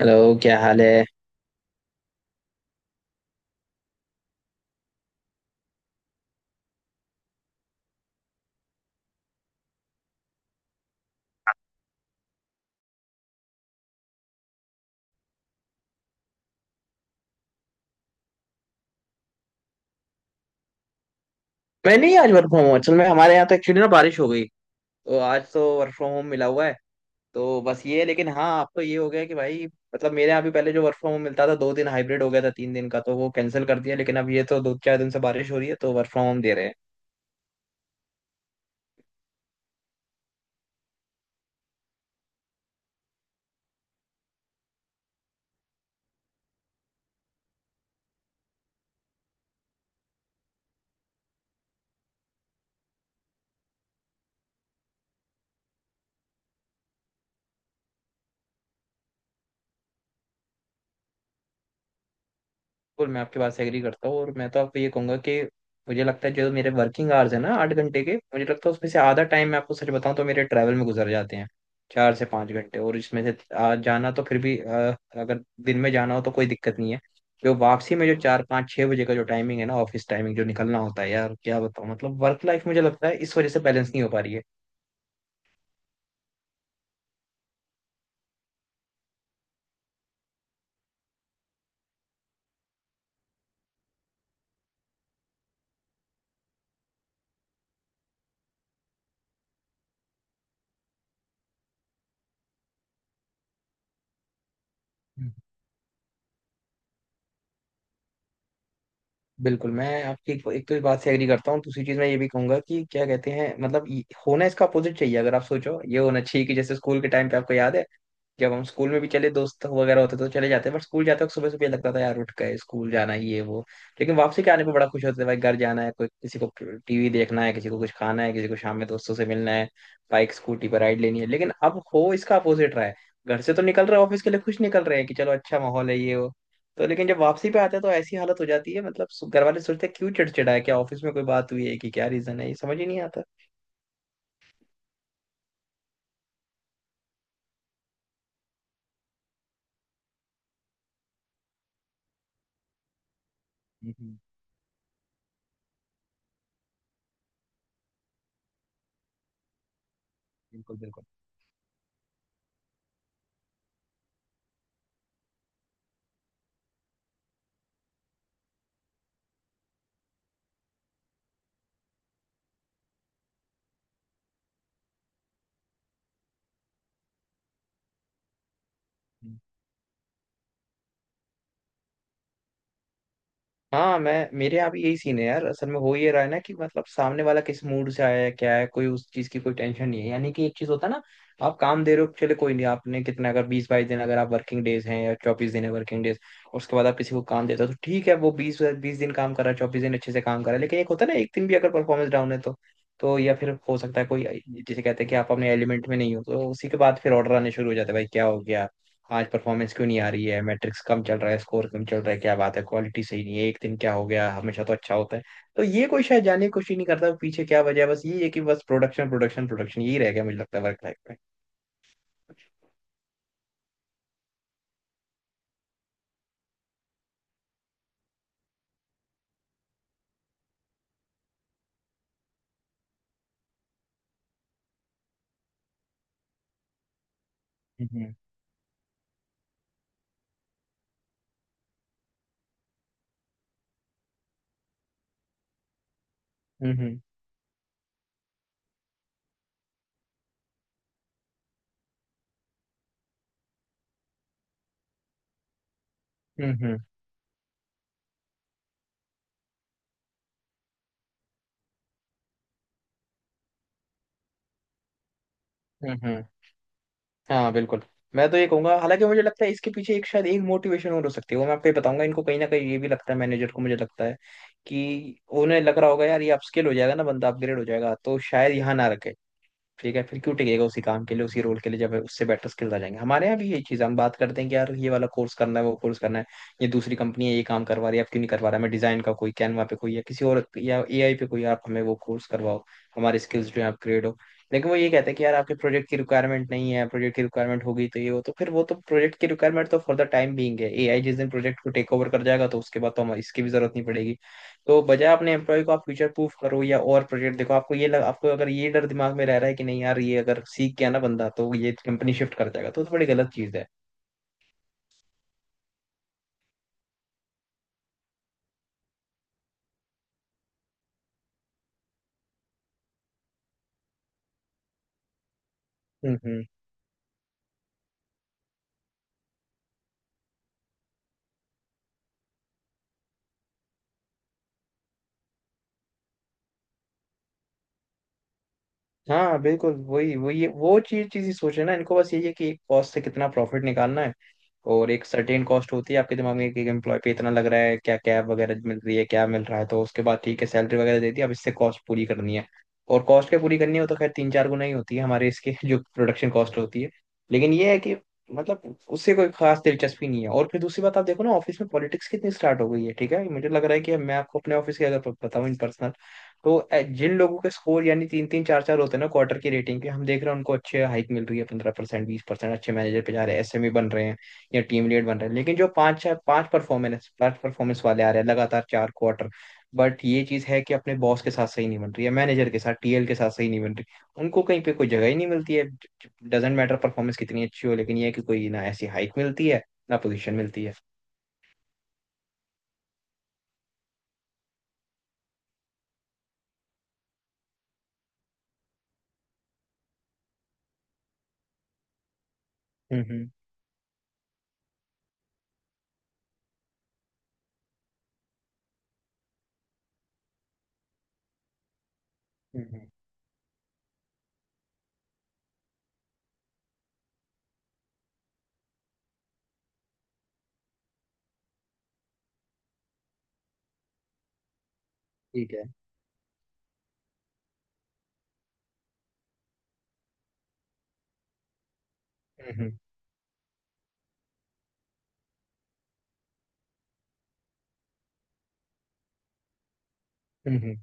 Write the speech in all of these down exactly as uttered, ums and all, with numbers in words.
Hello. क्या हाल है? मैं नहीं, आज वर्क फ्रॉम होम। असल में हमारे यहाँ तो एक्चुअली ना बारिश हो गई, तो आज तो वर्क फ्रॉम होम मिला हुआ है। तो बस ये है। लेकिन हाँ, अब तो ये हो गया कि भाई, मतलब मेरे यहाँ भी पहले जो वर्क फ्रॉम होम मिलता था दो दिन, हाइब्रिड हो गया था, तीन दिन का तो वो कैंसिल कर दिया। लेकिन अब ये तो दो चार दिन से बारिश हो रही है, तो वर्क फ्रॉम होम दे रहे हैं। बिल्कुल, मैं आपके बात से एग्री करता हूँ। और मैं तो आपको ये कहूंगा कि मुझे लगता है जो मेरे वर्किंग आवर्स है ना आठ घंटे के, मुझे लगता है उसमें से आधा टाइम मैं आपको सच बताऊं तो मेरे ट्रैवल में गुजर जाते हैं, चार से पाँच घंटे। और इसमें से आ, जाना तो फिर भी आ, अगर दिन में जाना हो तो कोई दिक्कत नहीं है। जो वापसी में जो चार पाँच छः बजे का जो टाइमिंग है ना, ऑफिस टाइमिंग जो निकलना होता है, यार क्या बताऊँ। मतलब वर्क लाइफ मुझे लगता है इस वजह से बैलेंस नहीं हो पा रही है। बिल्कुल, मैं आपकी एक, एक तो इस बात से एग्री करता हूँ। दूसरी चीज मैं ये भी कहूंगा कि क्या कहते हैं, मतलब ये- होना इसका अपोजिट चाहिए। अगर आप सोचो ये होना चाहिए कि जैसे स्कूल के टाइम पे आपको याद है, जब हम स्कूल में भी चले दोस्त वगैरह होते तो चले जाते, बट स्कूल जाते वक्त सुबह सुबह ये लगता था, यार उठ गए स्कूल जाना ही है वो। लेकिन वापसी के आने पे बड़ा खुश होते थे भाई, घर जाना है, कोई किसी को टीवी देखना है, किसी को कुछ खाना है, किसी को शाम में दोस्तों से मिलना है, बाइक स्कूटी पर राइड लेनी है। लेकिन अब हो इसका अपोजिट रहा है। घर से तो निकल रहे हैं ऑफिस के लिए, खुश निकल रहे हैं कि चलो अच्छा माहौल है, ये वो। तो लेकिन जब वापसी पे आता है तो ऐसी हालत हो जाती है, मतलब सु- घर वाले सोचते हैं क्यों चिड़चिड़ा है, क्या ऑफिस में कोई बात हुई है, कि क्या रीजन है, ये समझ ही नहीं आता। हम्म, हम्म। बिल्कुल बिल्कुल। हाँ, मैं मेरे यहाँ भी यही सीन है यार। असल में हो ये रहा है ना कि मतलब सामने वाला किस मूड से आया है, क्या है, कोई उस चीज की कोई टेंशन नहीं है। यानी कि एक चीज होता है ना, आप काम दे रहे हो, चले कोई नहीं। आपने कितना अगर बीस बाईस दिन अगर आप वर्किंग डेज हैं, या चौबीस दिन है वर्किंग डेज, उसके बाद आप किसी को काम देते हो तो ठीक है, वो बीस बीस दिन काम कर रहा है, चौबीस दिन अच्छे से काम कर रहा है। लेकिन एक होता है ना, एक दिन भी अगर परफॉर्मेंस डाउन है, तो तो या फिर हो सकता है कोई, जिसे कहते हैं कि आप अपने एलिमेंट में नहीं हो, तो उसी के बाद फिर ऑर्डर आने शुरू हो जाते हैं, भाई क्या हो गया, आज परफॉर्मेंस क्यों नहीं आ रही है, मैट्रिक्स कम चल रहा है, स्कोर कम चल रहा है, क्या बात है, क्वालिटी सही नहीं है, एक दिन क्या हो गया, हमेशा तो अच्छा होता है। तो ये कोई शायद जानने की कोशिश नहीं करता पीछे क्या वजह है, बस ये है कि बस प्रोडक्शन प्रोडक्शन प्रोडक्शन यही रह गया मुझे लगता है वर्क लाइफ में। हम्म हम्म। हम्म हम्म। हम्म। हाँ बिल्कुल। मैं तो ये कहूंगा हालांकि मुझे लगता है इसके पीछे एक शायद एक मोटिवेशन और हो सकती है, वो मैं आपको ये बताऊंगा। इनको कहीं ना कहीं ये भी लगता है मैनेजर को, मुझे लगता है कि उन्हें लग रहा होगा यार ये अपस्किल हो जाएगा ना बंदा, अपग्रेड हो जाएगा, तो शायद यहाँ ना रखे। ठीक है फिर क्यों टिकेगा उसी काम के लिए, उसी रोल के लिए, जब उससे बेटर स्किल्स आ जाएंगे। हमारे यहाँ भी यही चीज़ है, हम बात करते हैं कि यार ये वाला कोर्स करना है, वो कोर्स करना है। ये दूसरी कंपनी है, ये काम करवा रही है, आप क्यों नहीं करवा रहा है। हमें डिजाइन का कोई कैनवा पे कोई, या किसी और, या एआई पे कोई, आप हमें वो कोर्स करवाओ, हमारे स्किल्स जो है अपग्रेड हो। लेकिन वो ये कहते हैं कि यार आपके प्रोजेक्ट की रिक्वायरमेंट नहीं है, प्रोजेक्ट की रिक्वायरमेंट होगी तो ये हो, तो फिर वो तो प्रोजेक्ट की रिक्वायरमेंट तो फॉर द टाइम बीइंग है। एआई जिस दिन प्रोजेक्ट को टेक ओवर कर जाएगा तो उसके बाद तो हमें इसकी भी जरूरत नहीं पड़ेगी। तो बजाय अपने एम्प्लॉय को आप फ्यूचर प्रूफ करो या और प्रोजेक्ट देखो, आपको ये लग, आपको अगर ये डर दिमाग में रह रहा है कि नहीं यार ये अगर सीख गया ना बंदा तो ये कंपनी शिफ्ट कर जाएगा, तो, तो बड़ी गलत चीज है। हम्म हम्म। हाँ बिल्कुल। वही वही वो चीज चीज ही सोचे ना, इनको बस यही है कि एक कॉस्ट से कितना प्रॉफिट निकालना है। और एक सर्टेन कॉस्ट होती है आपके दिमाग में कि एक एम्प्लॉय पे इतना लग रहा है, क्या कैब वगैरह मिल रही है, क्या मिल रहा है। तो उसके बाद ठीक है, सैलरी वगैरह दे दी, अब इससे कॉस्ट पूरी करनी है। और कॉस्ट क्या पूरी करनी हो तो खैर तीन चार गुना ही होती है हमारे इसके जो प्रोडक्शन कॉस्ट होती है। लेकिन ये है कि मतलब उससे कोई खास दिलचस्पी नहीं है। और फिर दूसरी बात आप देखो ना, ऑफिस में पॉलिटिक्स कितनी स्टार्ट हो गई है। ठीक है, मुझे लग रहा है कि मैं आपको अपने ऑफिस की अगर बताऊं इन पर्सनल, तो ए- जिन लोगों के स्कोर यानी तीन तीन चार चार होते हैं ना क्वार्टर की रेटिंग के, हम देख रहे हैं उनको अच्छे हाइक मिल रही है, पंद्रह परसेंट बीस परसेंट। अच्छे मैनेजर पे जा रहे हैं, एसएमई बन रहे हैं या टीम लीड बन रहे हैं। लेकिन जो पांच चार पांच परफॉर्मेंस पांच परफॉर्मेंस वाले आ रहे हैं लगातार चार क्वार्टर, बट ये चीज है कि अपने बॉस के साथ सही नहीं बन रही है, मैनेजर के साथ टीएल के साथ सही नहीं बन रही, उनको कहीं पे कोई जगह ही नहीं मिलती है। डजेंट मैटर परफॉर्मेंस कितनी अच्छी हो, लेकिन ये है कि कोई ना ऐसी हाइक मिलती है ना पोजीशन मिलती है। हम्म हम्म। हम्म हम्म, ठीक है। हम्म हम्म हम्म, हम्म,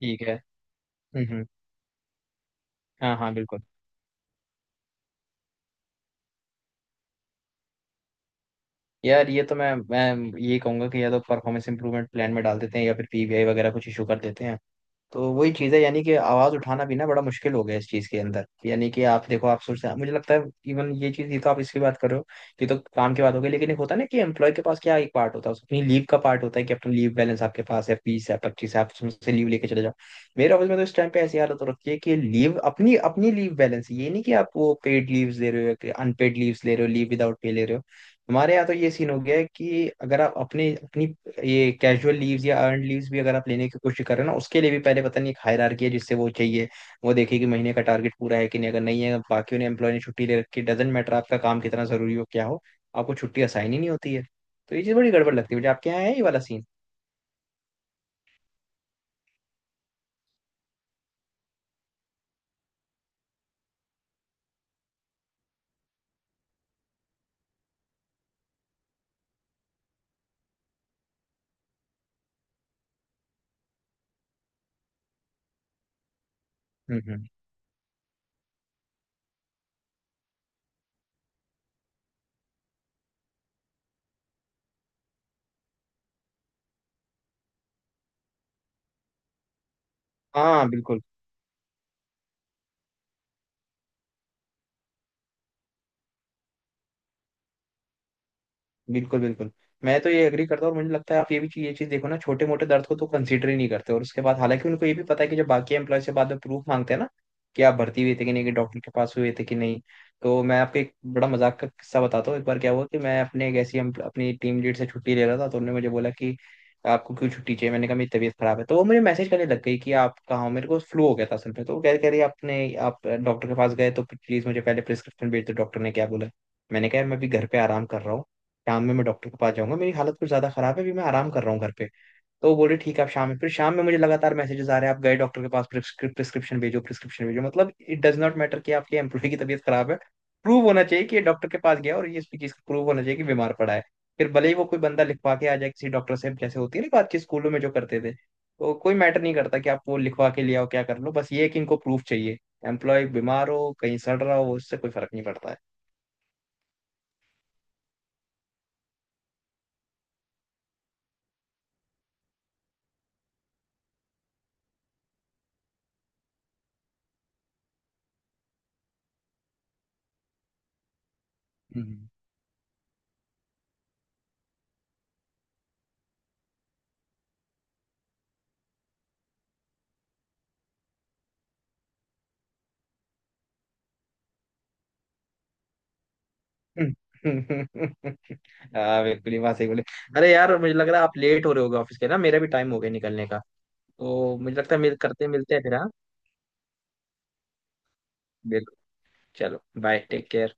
ठीक है। हम्म हम्म। हाँ हाँ बिल्कुल। यार ये तो मैं मैं ये कहूंगा कि या तो परफॉर्मेंस इंप्रूवमेंट प्लान में डाल देते हैं, या फिर पीबीआई वगैरह कुछ इशू कर देते हैं। तो वही चीज़ है, यानी कि आवाज उठाना भी ना बड़ा मुश्किल हो गया इस चीज के अंदर। यानी कि आप देखो आप सोचते हैं मुझे लगता है, इवन ये चीज, ये तो आप इसकी बात कर रहे हो, ये तो काम की बात हो गई। लेकिन एक होता है ना कि एम्प्लॉय के पास क्या, एक पार्ट होता है अपनी लीव का, पार्ट होता है कि अपना लीव बैलेंस आपके पास है, बीस है पच्चीस है, आप उसमें से लीव लेके चले जाओ। मेरे ऑफिस में तो इस टाइम पे ऐसी हालत हो रखी है कि लीव, अपनी अपनी लीव बैलेंस, ये नहीं कि आप वो पेड लीव्स ले रहे हो, अनपेड लीव्स ले रहे हो, लीव विदाउट पे ले रहे हो। हमारे यहाँ तो ये सीन हो गया है कि अगर आप अपने अपनी ये कैजुअल लीव्स या अर्न लीव्स भी अगर आप लेने की कोशिश कर रहे हो ना, उसके लिए भी पहले पता नहीं एक हायरार्की है जिससे वो चाहिए, वो देखे कि महीने का टारगेट पूरा है कि नहीं। अगर नहीं है बाकियों ने एम्प्लॉय ने छुट्टी ले रखी, डजेंट मैटर आपका काम कितना जरूरी हो क्या हो, आपको छुट्टी असाइन ही नहीं होती है। तो ये चीज़ बड़ी गड़बड़ लगती है मुझे। आपके यहाँ है ये वाला सीन? हम्म हम्म। हाँ बिल्कुल बिल्कुल बिल्कुल। मैं तो ये एग्री करता हूँ। और मुझे लगता है आप ये भी चीज ये चीज देखो ना, छोटे मोटे दर्द को तो कंसीडर ही नहीं करते। और उसके बाद हालांकि उनको ये भी पता है कि जब बाकी एम्प्लॉय से बाद में प्रूफ मांगते हैं ना, कि आप भर्ती हुए थे कि नहीं, कि डॉक्टर के पास हुए थे कि नहीं। तो मैं आपको एक बड़ा मजाक का किस्सा बताता हूँ। एक बार क्या हुआ कि मैं अपने एक ऐसी empl- अपनी टीम लीड से छुट्टी ले रहा था, तो उन्होंने मुझे बोला कि आपको क्यों छुट्टी चाहिए, मैंने कहा मेरी तबीयत खराब है। तो वो मुझे मैसेज करने लग गई कि आप कहाँ हो, मेरे को फ्लू हो गया था असल में, तो वो कह कह रही आपने, आप डॉक्टर के पास गए तो प्लीज मुझे पहले प्रिस्क्रिप्शन भेज दो, डॉक्टर ने क्या बोला। मैंने कहा मैं अभी घर पे आराम कर रहा हूँ, शाम में मैं डॉक्टर के पास जाऊंगा, मेरी हालत कुछ ज्यादा खराब है, अभी मैं आराम कर रहा हूँ घर पे। तो वो बोले ठीक है आप शाम में, फिर शाम में मुझे लगातार मैसेजेस आ रहे हैं, आप गए डॉक्टर के पास, प्रिस्क्रिप्शन भेजो प्रिस्क्रिप्शन भेजो। मतलब इट डज नॉट मैटर कि आपके एम्प्लॉय की तबीयत खराब है। प्रूव होना चाहिए कि ये डॉक्टर के पास गया, और ये इसकी चीज प्रूव होना चाहिए कि बीमार पड़ा है। फिर भले ही वो कोई बंदा लिखवा के आ जाए किसी डॉक्टर से, जैसे होती है ना बातचीत स्कूलों में जो करते थे, तो कोई मैटर नहीं करता कि आप वो लिखवा के ले आओ क्या कर लो, बस ये है कि इनको प्रूफ चाहिए। एम्प्लॉय बीमार हो कहीं सड़ रहा हो उससे कोई फर्क नहीं पड़ता है। हम्म। हाँ बिल्कुल, ये बात सही बोले। अरे यार मुझे लग रहा है आप लेट हो रहे होगे ऑफिस के ना, मेरा भी टाइम हो गया निकलने का, तो मुझे लगता है मिल करते मिलते हैं फिर हाँ। बिल्कुल। चलो, बाय, टेक केयर।